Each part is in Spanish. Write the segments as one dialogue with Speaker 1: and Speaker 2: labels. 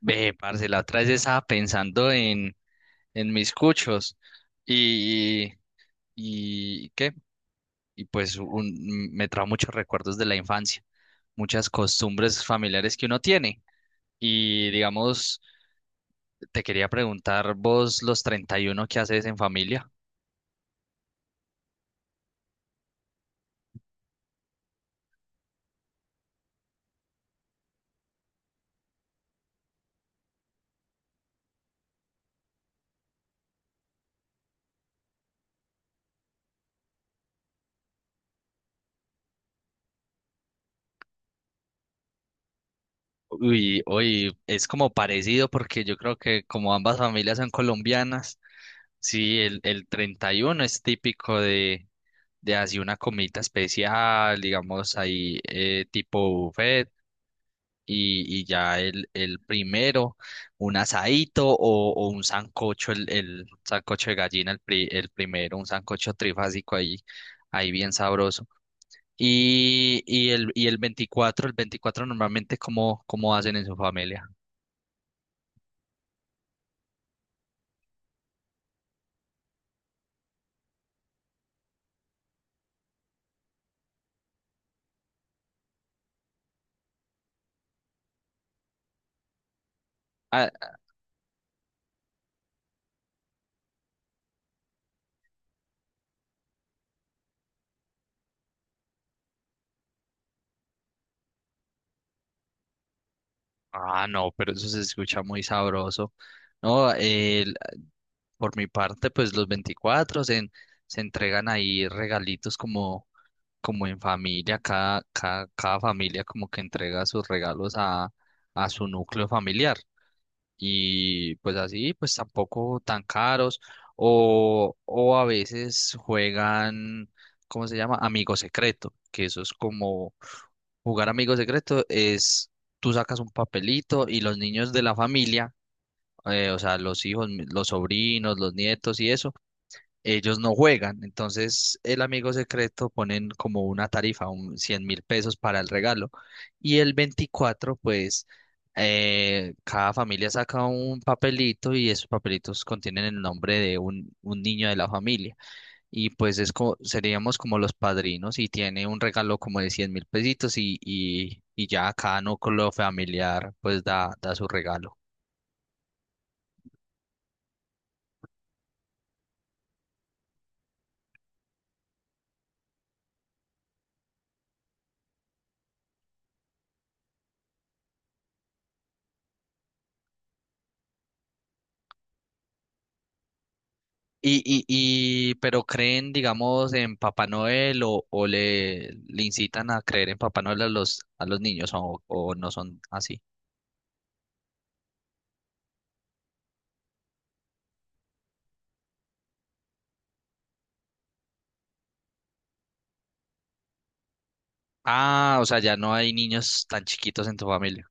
Speaker 1: Ve, parce, la otra vez estaba pensando en mis cuchos y, y ¿qué? Y pues me trajo muchos recuerdos de la infancia, muchas costumbres familiares que uno tiene. Y digamos, te quería preguntar vos los 31 que haces en familia. Uy, hoy es como parecido porque yo creo que como ambas familias son colombianas, sí, el 31 es típico de así una comidita especial, digamos ahí tipo buffet y ya el primero un asadito o un sancocho, el sancocho de gallina, el primero, un sancocho trifásico ahí, ahí bien sabroso. Y el 24 normalmente, ¿cómo hacen en su familia? Ah, ah, no, pero eso se escucha muy sabroso. No, por mi parte, pues los 24 se entregan ahí regalitos como en familia, cada familia como que entrega sus regalos a su núcleo familiar. Y pues así, pues tampoco tan caros, o a veces juegan, ¿cómo se llama? Amigo secreto, que eso es como jugar amigo secreto, es tú sacas un papelito y los niños de la familia, o sea, los hijos, los sobrinos, los nietos y eso, ellos no juegan. Entonces el amigo secreto ponen como una tarifa, un 100.000 pesos para el regalo. Y el 24 pues cada familia saca un papelito y esos papelitos contienen el nombre de un niño de la familia y pues es seríamos como los padrinos y tiene un regalo como de 100.000 pesitos y ya cada núcleo familiar pues da su regalo. Y, pero creen, digamos, en Papá Noel o le incitan a creer en Papá Noel a los niños o no son así. Ah, o sea, ya no hay niños tan chiquitos en tu familia.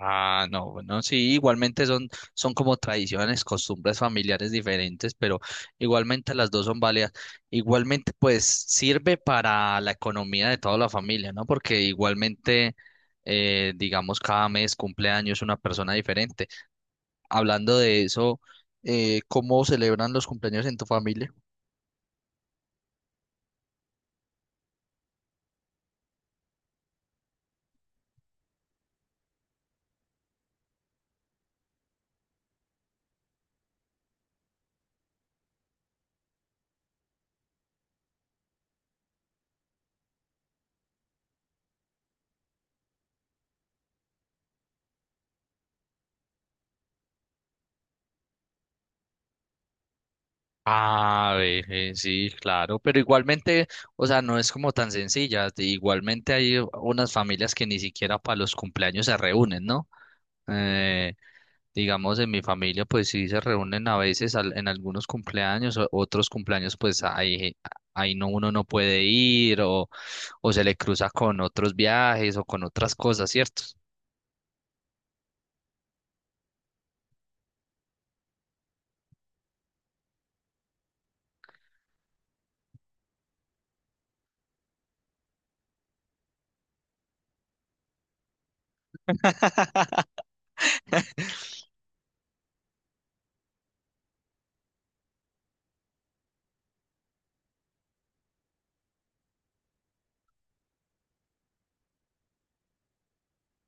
Speaker 1: Ah, no, bueno, sí, igualmente son como tradiciones, costumbres familiares diferentes, pero igualmente las dos son válidas. Igualmente, pues sirve para la economía de toda la familia, ¿no? Porque igualmente, digamos, cada mes cumpleaños una persona diferente. Hablando de eso, ¿cómo celebran los cumpleaños en tu familia? Ah, ve, sí, claro, pero igualmente, o sea, no es como tan sencilla. Igualmente hay unas familias que ni siquiera para los cumpleaños se reúnen, ¿no? Eh, digamos, en mi familia, pues sí se reúnen a veces en algunos cumpleaños, otros cumpleaños, pues ahí, ahí no, uno no puede ir o se le cruza con otros viajes o con otras cosas, ¿cierto?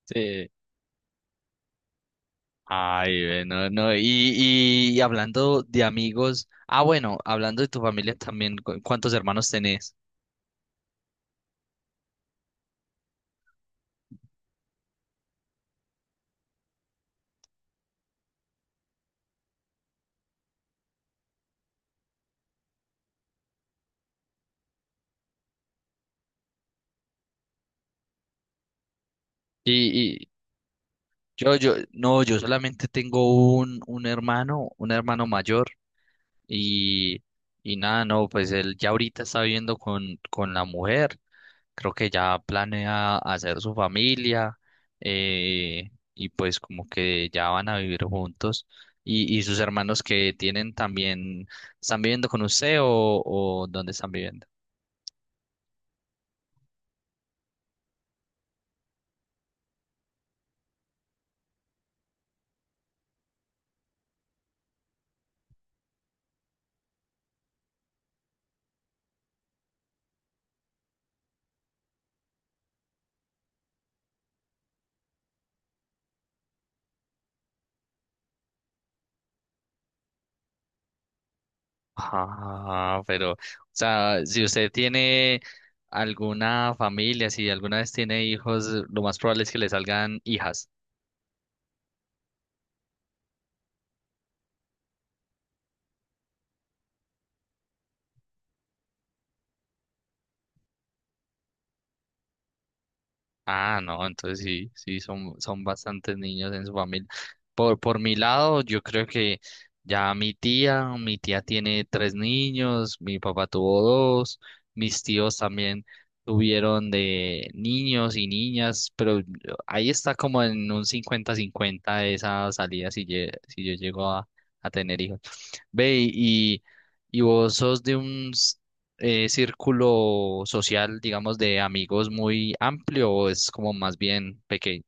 Speaker 1: Sí. Ay, ve, no, no, y hablando de amigos, ah, bueno, hablando de tu familia también, ¿cuántos hermanos tenés? Y, y yo, no, yo solamente tengo un hermano, un hermano mayor. Y, y nada, no, pues él ya ahorita está viviendo con la mujer, creo que ya planea hacer su familia, y pues como que ya van a vivir juntos. Y sus hermanos que tienen también, ¿están viviendo con usted o dónde están viviendo? Ah, pero, o sea, si usted tiene alguna familia, si alguna vez tiene hijos, lo más probable es que le salgan hijas. Ah, no, entonces sí, sí, son bastantes niños en su familia. Por mi lado, yo creo que ya mi tía tiene tres niños, mi papá tuvo dos, mis tíos también tuvieron de niños y niñas, pero ahí está como en un 50-50 esa salida si yo llego a tener hijos. Ve, y vos sos de un, círculo social, digamos, de amigos muy amplio o es como más bien pequeño?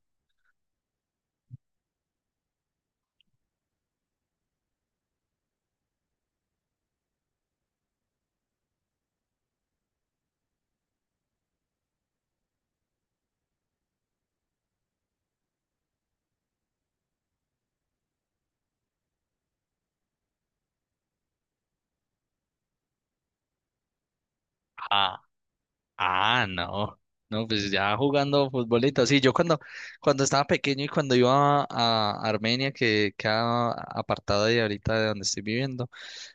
Speaker 1: Ah, no. No, pues ya jugando futbolito. Sí, yo cuando estaba pequeño y cuando iba a Armenia, que queda apartada de ahorita de donde estoy viviendo,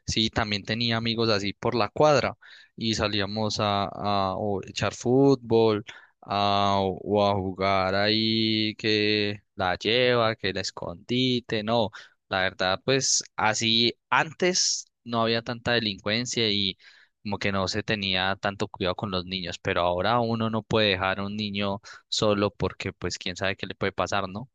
Speaker 1: sí, también tenía amigos así por la cuadra y salíamos a o echar fútbol a, o a jugar ahí que la lleva, que la escondite. No, la verdad, pues así antes no había tanta delincuencia y como que no se tenía tanto cuidado con los niños, pero ahora uno no puede dejar a un niño solo porque pues quién sabe qué le puede pasar, ¿no?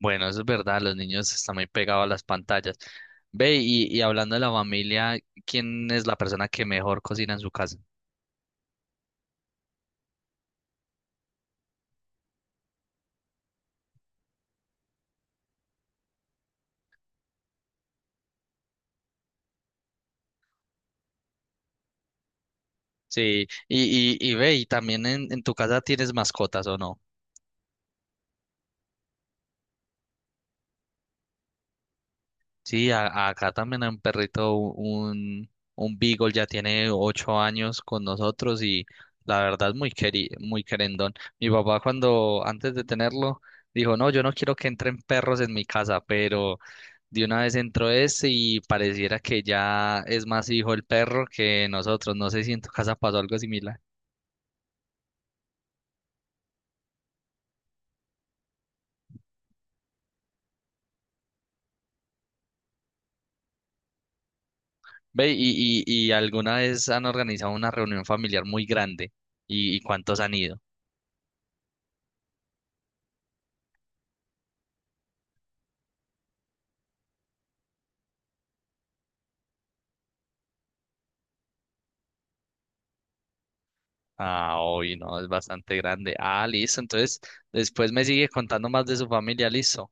Speaker 1: Bueno, eso es verdad, los niños están muy pegados a las pantallas. Ve, y hablando de la familia, ¿quién es la persona que mejor cocina en su casa? Sí, y ve, y también en tu casa tienes mascotas, ¿o no? Sí, acá también hay un perrito, un Beagle ya tiene 8 años con nosotros y la verdad es muy querendón. Mi papá cuando antes de tenerlo dijo, no, yo no quiero que entren perros en mi casa, pero de una vez entró ese y pareciera que ya es más hijo el perro que nosotros. No sé si en tu casa pasó algo similar. Ve, y alguna vez han organizado una reunión familiar muy grande y ¿cuántos han ido? Ah, hoy no, es bastante grande. Ah, listo. Entonces, después me sigue contando más de su familia, listo.